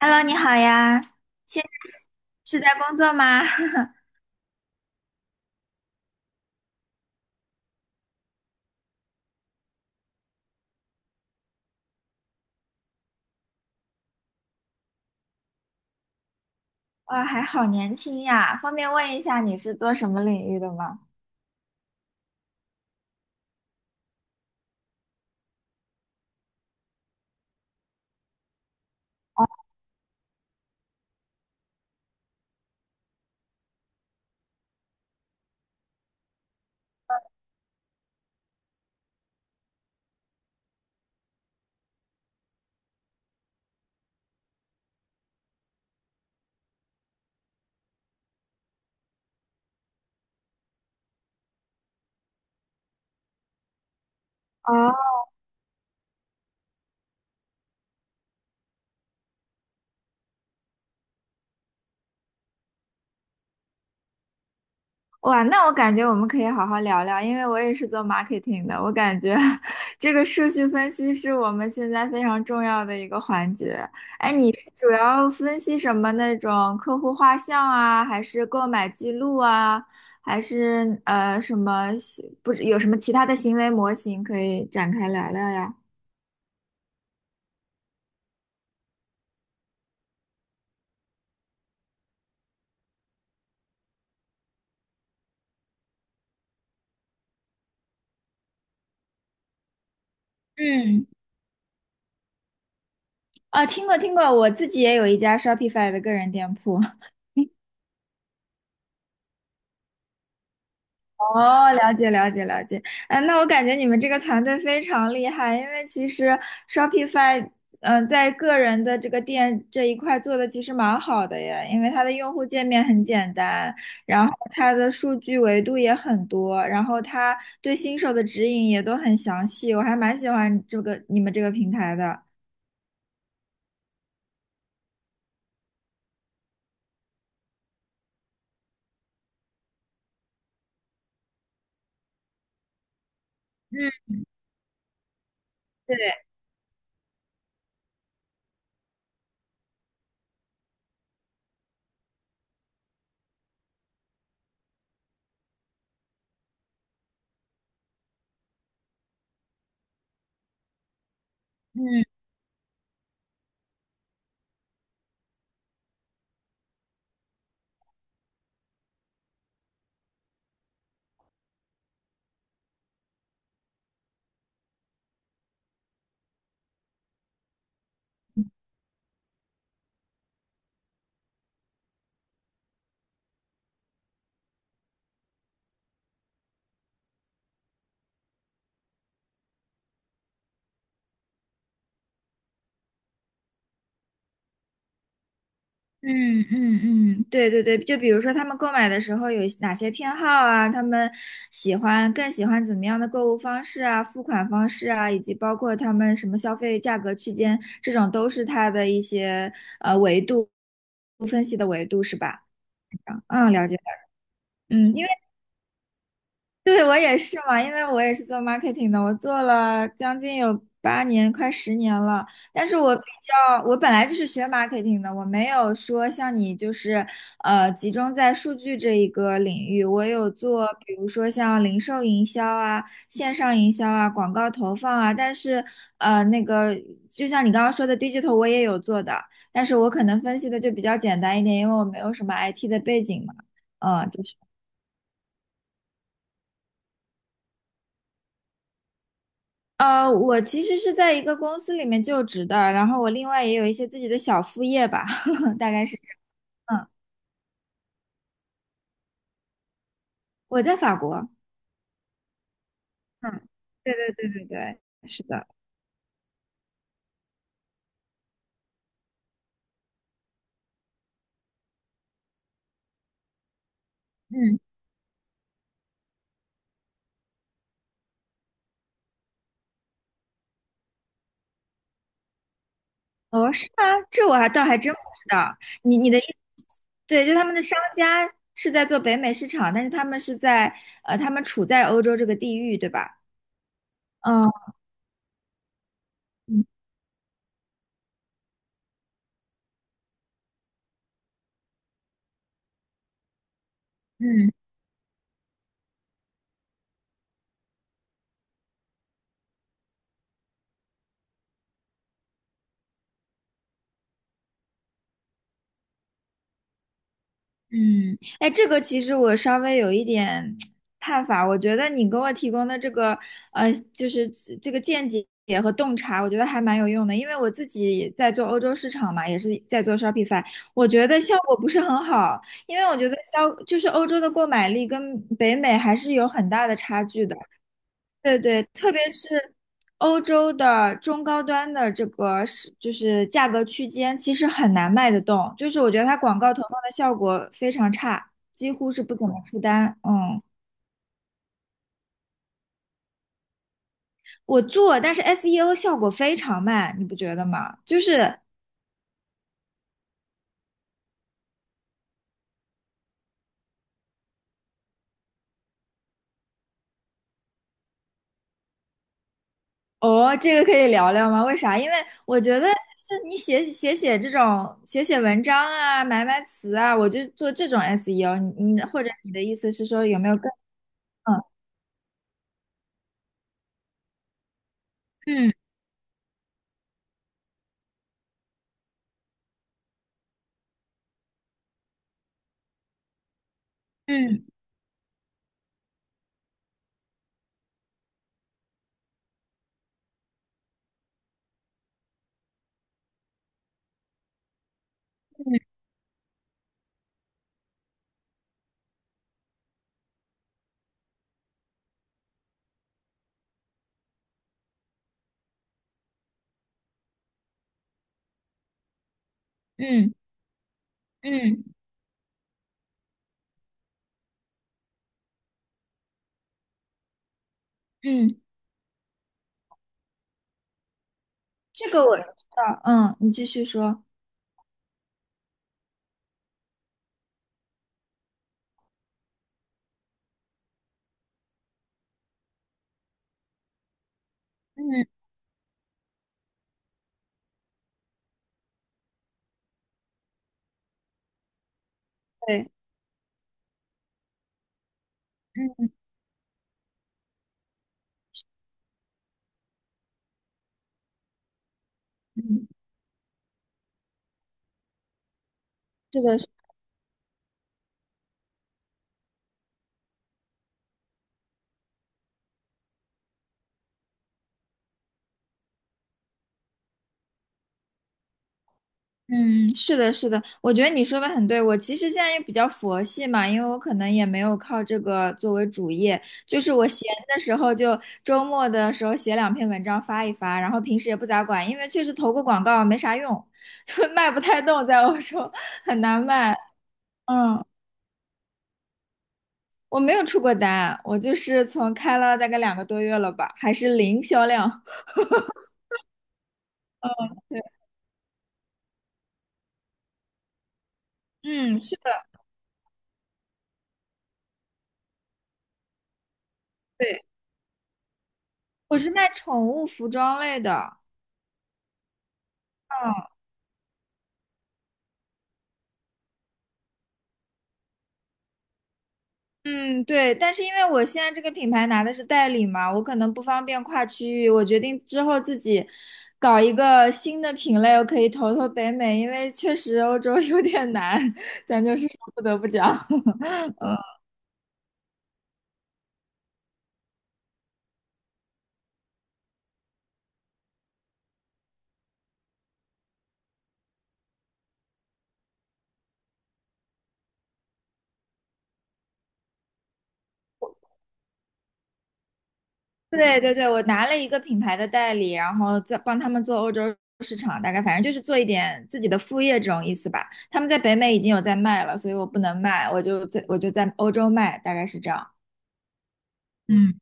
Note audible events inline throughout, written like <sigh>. Hello，你好呀，现在是在工作吗？<laughs> 哇，还好年轻呀！方便问一下你是做什么领域的吗？哦，哇，那我感觉我们可以好好聊聊，因为我也是做 marketing 的，我感觉 <laughs> 这个数据分析是我们现在非常重要的一个环节。哎，你是主要分析什么那种客户画像啊，还是购买记录啊，还是什么，不是有什么其他的行为模型可以展开聊聊呀？嗯。啊，听过听过，我自己也有一家 Shopify 的个人店铺。<laughs> 哦，了解了解了解。嗯，那我感觉你们这个团队非常厉害，因为其实 Shopify，嗯、在个人的这个店这一块做的其实蛮好的耶，因为它的用户界面很简单，然后它的数据维度也很多，然后它对新手的指引也都很详细，我还蛮喜欢你们这个平台的。嗯，对，嗯。嗯嗯嗯，对对对，就比如说他们购买的时候有哪些偏好啊，他们更喜欢怎么样的购物方式啊，付款方式啊，以及包括他们什么消费价格区间，这种都是它的一些维度分析的维度是吧？嗯，了解了。嗯，因为对，我也是嘛，因为我也是做 marketing 的，我做了将近有八年，快十年了。但是我比较，我本来就是学 marketing 的，我没有说像你就是集中在数据这一个领域。我有做，比如说像零售营销啊、线上营销啊、广告投放啊，但是呃那个就像你刚刚说的 digital，我也有做的，但是我可能分析的就比较简单一点，因为我没有什么 IT 的背景嘛。嗯，呃，我其实是在一个公司里面就职的，然后我另外也有一些自己的小副业吧，<laughs> 大概是，嗯，我在法国，嗯，对对对对对，是的，嗯，哦，是吗？这我还倒还真不知道，你你的意思，对，就他们的商家是在做北美市场，但是他们是在他们处在欧洲这个地域，对吧？嗯嗯嗯嗯，哎，这个其实我稍微有一点看法，我觉得你给我提供的这个，就是这个见解和洞察，我觉得还蛮有用的，因为我自己也在做欧洲市场嘛，也是在做 Shopify。我觉得效果不是很好，因为我觉得消就是欧洲的购买力跟北美还是有很大的差距的。对对，特别是欧洲的中高端的就是价格区间，其实很难卖得动。就是我觉得它广告投放的效果非常差，几乎是不怎么出单。嗯，我做，但是 SEO 效果非常慢，你不觉得吗？就是哦，这个可以聊聊吗？为啥？因为我觉得就是写这种写文章啊，买买词啊，我就做这种 SEO 你。你或者你的意思是说有没有更嗯嗯嗯嗯。嗯嗯嗯，这个我知道。嗯，你继续说。嗯，对，嗯，嗯，是的，嗯，是的，是的。我觉得你说的很对。我其实现在也比较佛系嘛，因为我可能也没有靠这个作为主业，就是我闲的时候就周末的时候写两篇文章发一发，然后平时也不咋管，因为确实投个广告没啥用。<laughs> 就卖不太动，在欧洲很难卖。嗯，我没有出过单，我就是从开了大概两个多月了吧，还是零销量。嗯，对，嗯，是的，对，我是卖宠物服装类的。嗯嗯，对，但是因为我现在这个品牌拿的是代理嘛，我可能不方便跨区域，我决定之后自己搞一个新的品类，我可以投投北美，因为确实欧洲 <laughs> 有点难，<laughs> 咱就是说不得不讲。<laughs> 对对对，我拿了一个品牌的代理，然后再帮他们做欧洲市场，大概反正就是做一点自己的副业这种意思吧。他们在北美已经有在卖了，所以我不能卖，我就在欧洲卖，大概是这样。嗯。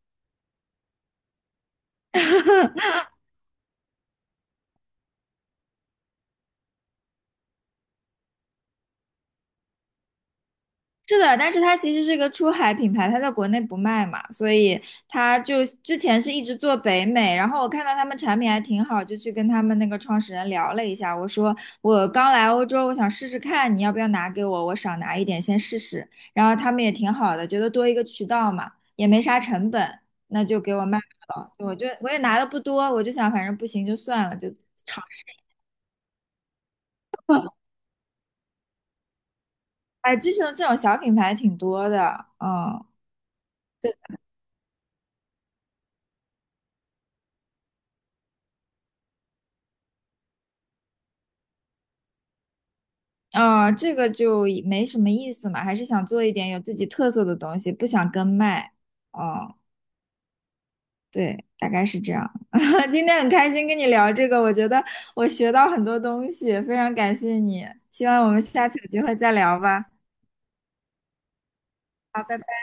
是的，但是它其实是个出海品牌，它在国内不卖嘛，所以它就之前是一直做北美，然后我看到他们产品还挺好，就去跟他们那个创始人聊了一下。我说我刚来欧洲，我想试试看，你要不要拿给我，我少拿一点先试试，然后他们也挺好的，觉得多一个渠道嘛，也没啥成本，那就给我卖，我也拿的不多，我就想反正不行就算了，就尝试。哎，这种这种小品牌挺多的，嗯。啊、这个就也没什么意思嘛，还是想做一点有自己特色的东西，不想跟卖。哦，对，大概是这样。<laughs> 今天很开心跟你聊这个，我觉得我学到很多东西，非常感谢你。希望我们下次有机会再聊吧。好，拜拜。